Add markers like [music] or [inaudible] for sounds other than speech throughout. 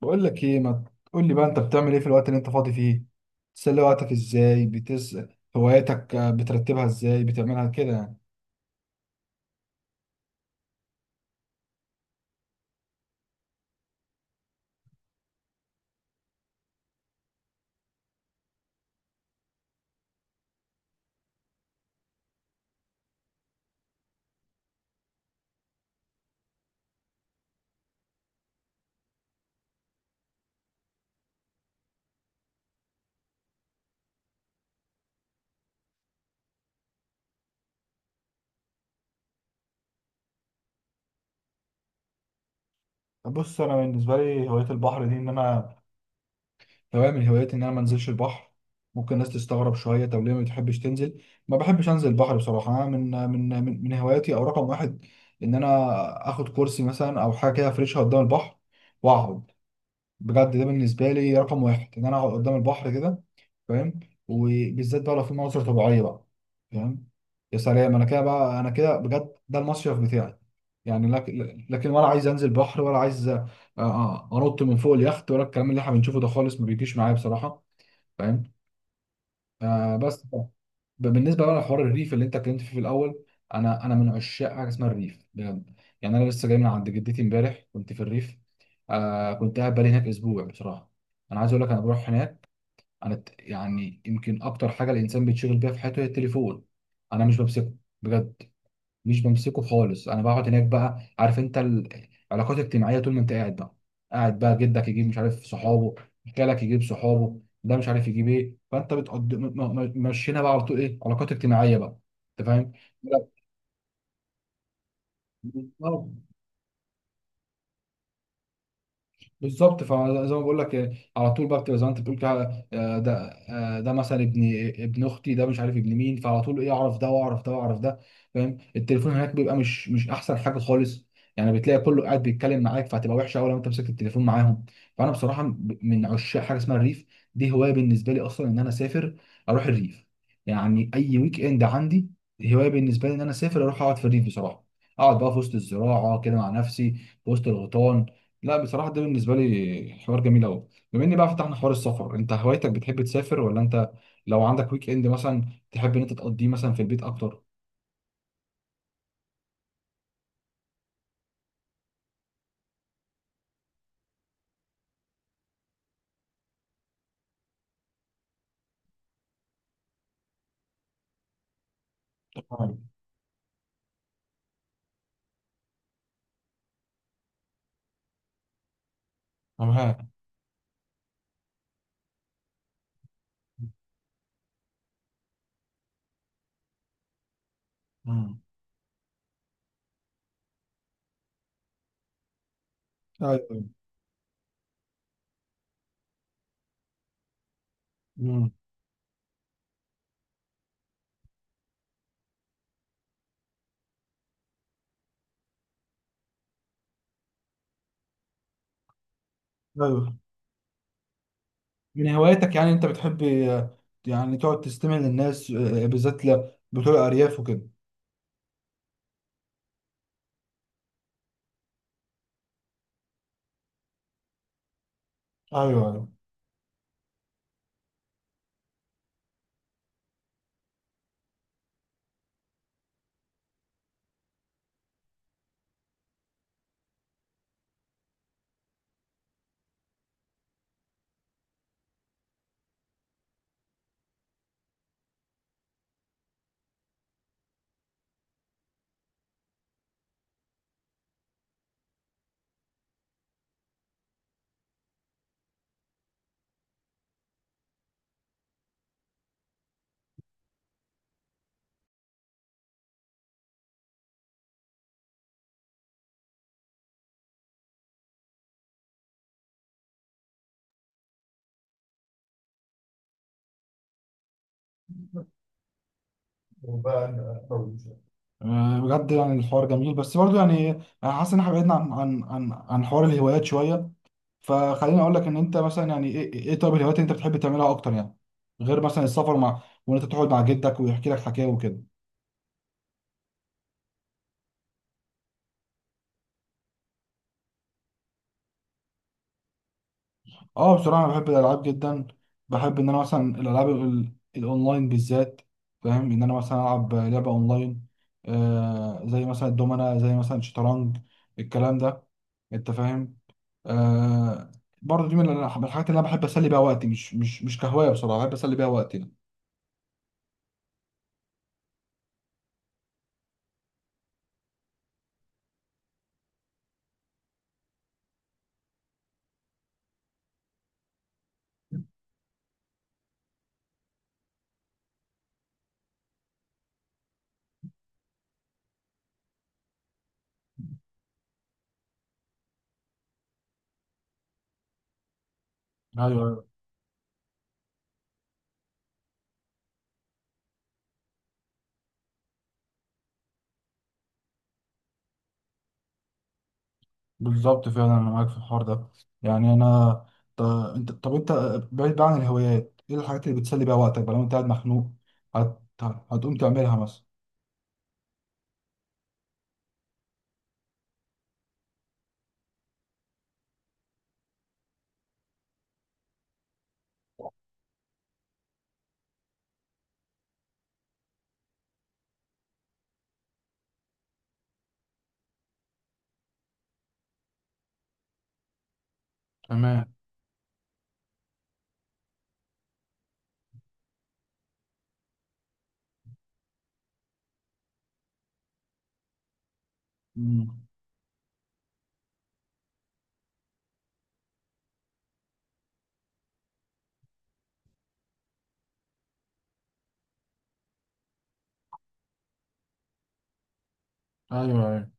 بقول لك ايه؟ ما تقول لي بقى، انت بتعمل ايه في الوقت اللي انت فاضي فيه؟ بتسلي وقتك ازاي؟ هواياتك، بترتبها ازاي؟ بتعملها كده يعني. بص، انا بالنسبه لي هوايه البحر دي، ان انا هوايه من هواياتي ان انا ما انزلش البحر. ممكن الناس تستغرب شويه، طب ليه ما بتحبش تنزل؟ ما بحبش انزل البحر بصراحه. انا من آه، من آه، من من هواياتي او رقم واحد ان انا اخد كرسي مثلا او حاجه كده افرشها قدام البحر واقعد. بجد ده بالنسبه لي رقم واحد، ان انا اقعد قدام البحر كده. فاهم؟ وبالذات بقى لو في مناظر طبيعيه بقى. فاهم؟ يا سلام! انا كده بجد، ده المصيف بتاعي يعني. لكن ولا عايز انزل بحر، ولا عايز، انط من فوق اليخت، ولا الكلام اللي احنا بنشوفه ده خالص ما بيجيش معايا بصراحه. فاهم؟ آه بس ب- بالنسبه بقى لحوار الريف اللي انت اتكلمت فيه في الاول، انا من عشاق حاجه اسمها الريف بجد. يعني انا لسه جاي من عند جدتي، امبارح كنت في الريف. كنت قاعد بقالي هناك اسبوع بصراحه. انا عايز اقول لك، انا بروح هناك، يعني يمكن اكتر حاجه الانسان بيتشغل بيها في حياته هي التليفون. انا مش بمسكه، بجد، مش بمسكه خالص. انا بقعد هناك بقى، عارف انت، العلاقات الاجتماعيه طول ما انت قاعد بقى. قاعد بقى جدك يجيب مش عارف صحابه، خالك يجيب صحابه، ده مش عارف يجيب ايه، فانت بتقضي مشينا بقى على طول، ايه، علاقات اجتماعيه بقى. انت فاهم؟ بالظبط. فزي ما بقول لك، على طول بقى بتبقى زي ما انت بتقول كده. آه، ده ده مثلا ابن اختي، ده مش عارف ابن مين، فعلى طول ايه، اعرف ده واعرف ده واعرف ده. فاهم؟ التليفون هناك بيبقى مش احسن حاجه خالص. يعني بتلاقي كله قاعد بيتكلم معاك، فهتبقى وحشه قوي لو انت مسكت التليفون معاهم. فانا بصراحه من عشاق حاجه اسمها الريف. دي هوايه بالنسبه لي اصلا، ان انا اسافر اروح الريف. يعني اي ويك اند عندي، هوايه بالنسبه لي ان انا اسافر اروح اقعد في الريف بصراحه. اقعد بقى في وسط الزراعه كده مع نفسي، في وسط الغيطان. لا بصراحة، ده بالنسبة لي حوار جميل أوي. بما إن بقى فتحنا حوار السفر، أنت هوايتك بتحب تسافر ولا أنت، لو عندك ويك إند مثلا، تحب إن أنت تقضيه مثلا في البيت أكتر؟ أيوة، أنا معاك. مم. أيوه. مم. أيوه. من هواياتك يعني، أنت بتحب، يعني تقعد تستمع للناس، بالذات بتوع الأرياف وكده؟ أيوه. أيوه. وبقى أطول. بجد يعني الحوار جميل، بس برضه يعني أنا حاسس إن إحنا بعدنا عن حوار الهوايات شوية. فخليني اقول لك، ان انت مثلا يعني، ايه، طيب الهوايات اللي انت بتحب تعملها اكتر يعني، غير مثلا السفر، مع وان انت تقعد مع جدك ويحكي لك حكايه وكده؟ اه، بصراحه انا بحب الالعاب جدا. بحب ان انا مثلا الالعاب الاونلاين بالذات. فاهم، ان انا مثلا العب لعبه اونلاين، آه، زي مثلا الدومنه، زي مثلا الشطرنج، الكلام ده. انت فاهم؟ آه. برضه دي من الحاجات اللي انا بحب اسلي بيها وقتي، مش مش كهوايه بصراحه، بحب اسلي بيها وقتي يعني. ايوه، بالظبط، فعلا انا معاك في الحوار ده. يعني انا، ط- انت طب انت، بعيد بقى عن الهوايات، ايه الحاجات اللي بتسلي بيها وقتك بقى لو انت قاعد مخنوق؟ هتقوم تعملها مثلا؟ تمام. مم. ايوه. ايوه.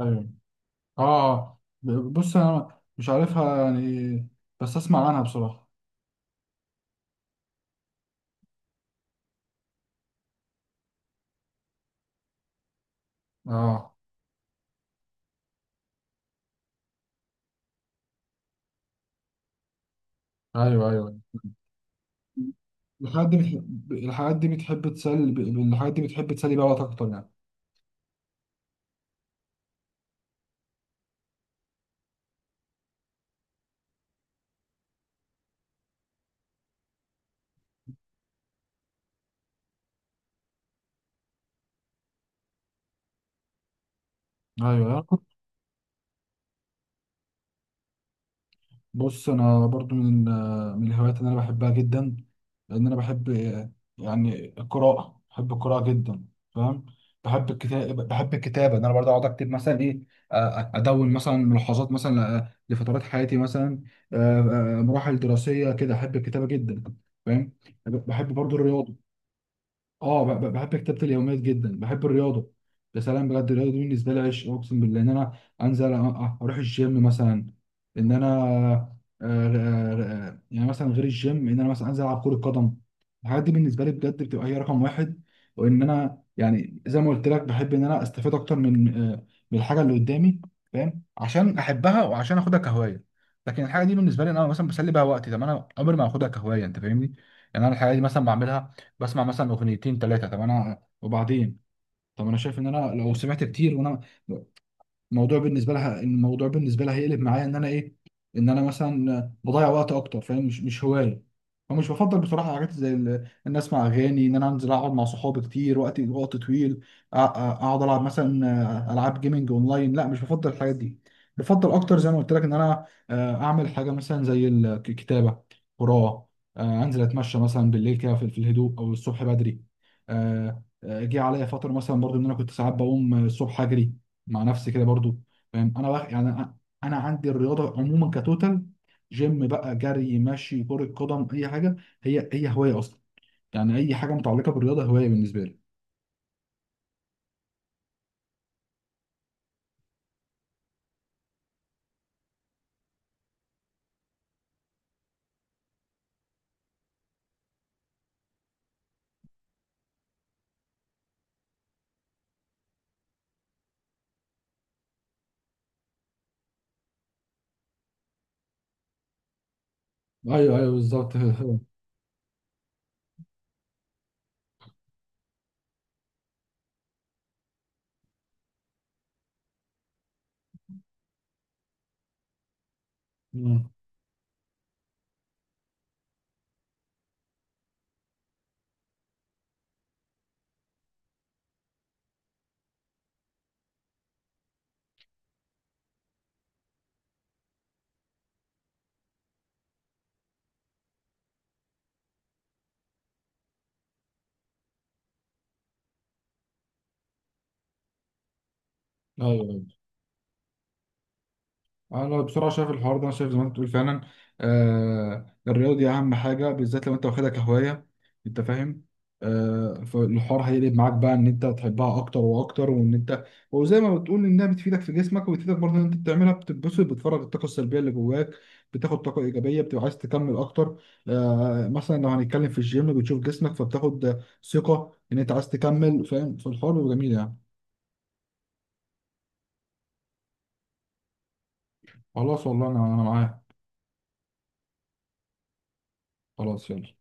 ايوه. اه، بص انا مش عارفها يعني، بس اسمع عنها بصراحه. اه. ايوه. ايوه. الحاجات دي بتحب الحاجات دي بتحب تسلي ب- الحاجات دي بتحب تسلي بيها وقتك اكتر يعني؟ ايوه. بص انا برضو من الهوايات اللي انا بحبها جدا، لان انا بحب يعني القراءه، بحب القراءه جدا. فاهم؟ بحب الكتابه، ان انا برضو اقعد اكتب مثلا، ايه، ادون مثلا ملاحظات، مثلا، لفترات حياتي مثلا، آه، مراحل دراسيه كده. احب الكتابه جدا. فاهم؟ بحب برضو الرياضه. اه، بحب كتابة اليوميات جدا، بحب الرياضة. يا سلام! بجد الرياضة دي بالنسبة لي عشق، اقسم بالله. ان انا انزل، اروح الجيم مثلا، ان انا، يعني مثلا غير الجيم، ان انا مثلا انزل العب كرة قدم، الحاجات دي بالنسبة لي بجد بتبقى هي رقم واحد. وان انا، يعني زي ما قلت لك، بحب ان انا استفيد اكتر من الحاجة اللي قدامي. فاهم؟ عشان احبها وعشان اخدها كهواية. لكن الحاجة دي بالنسبة لي إن انا مثلا بسلي بيها وقتي، طب انا عمري ما هاخدها كهواية. انت فاهمني؟ يعني انا الحاجة دي مثلا بعملها، بسمع مثلا اغنيتين ثلاثه، طب انا وبعدين؟ طب انا شايف ان انا، لو سمعت كتير وانا، الموضوع بالنسبه لها هيقلب معايا، ان انا ايه، ان انا مثلا بضيع وقت اكتر. فاهم؟ مش هوايه. فمش بفضل بصراحه حاجات زي ان اسمع اغاني، ان انا انزل اقعد مع صحابي كتير وقت طويل، اقعد العب مثلا العاب جيمنج اونلاين، لا مش بفضل الحاجات دي. بفضل اكتر، زي ما قلت لك، ان انا، اعمل حاجه مثلا زي الكتابه، قراءه، انزل اتمشى مثلا بالليل كده، في الهدوء، او الصبح بدري. جه عليا فتره مثلا برضو ان انا كنت ساعات بقوم الصبح اجري مع نفسي كده برضو. فاهم؟ انا بقى يعني انا، أنا عندي الرياضه عموما كتوتال، جيم بقى، جري، مشي، كره قدم، اي حاجه، هي هي هوايه اصلا. يعني اي حاجه متعلقه بالرياضه هوايه بالنسبه لي. ايوه، ايوه، بالظبط [laughs] أمم. ايوه. أيوة. انا بصراحه شايف الحوار ده، انا شايف زي ما انت بتقول فعلا. آه، الرياضه دي اهم حاجه، بالذات لو انت واخدها كهوايه. انت فاهم؟ آه، فالحوار هيقلب معاك بقى ان انت تحبها اكتر واكتر. وان انت، وزي ما بتقول، انها بتفيدك في جسمك، وبتفيدك برضه ان انت بتعملها بتتبسط، بتفرغ الطاقه السلبيه اللي جواك، بتاخد طاقه ايجابيه، بتبقى عايز تكمل اكتر. آه، مثلا لو هنتكلم في الجيم بتشوف جسمك، فبتاخد ثقه ان انت عايز تكمل. فاهم؟ فالحوار بيبقى جميل يعني. خلاص والله، انا، معاك. خلاص، يلا.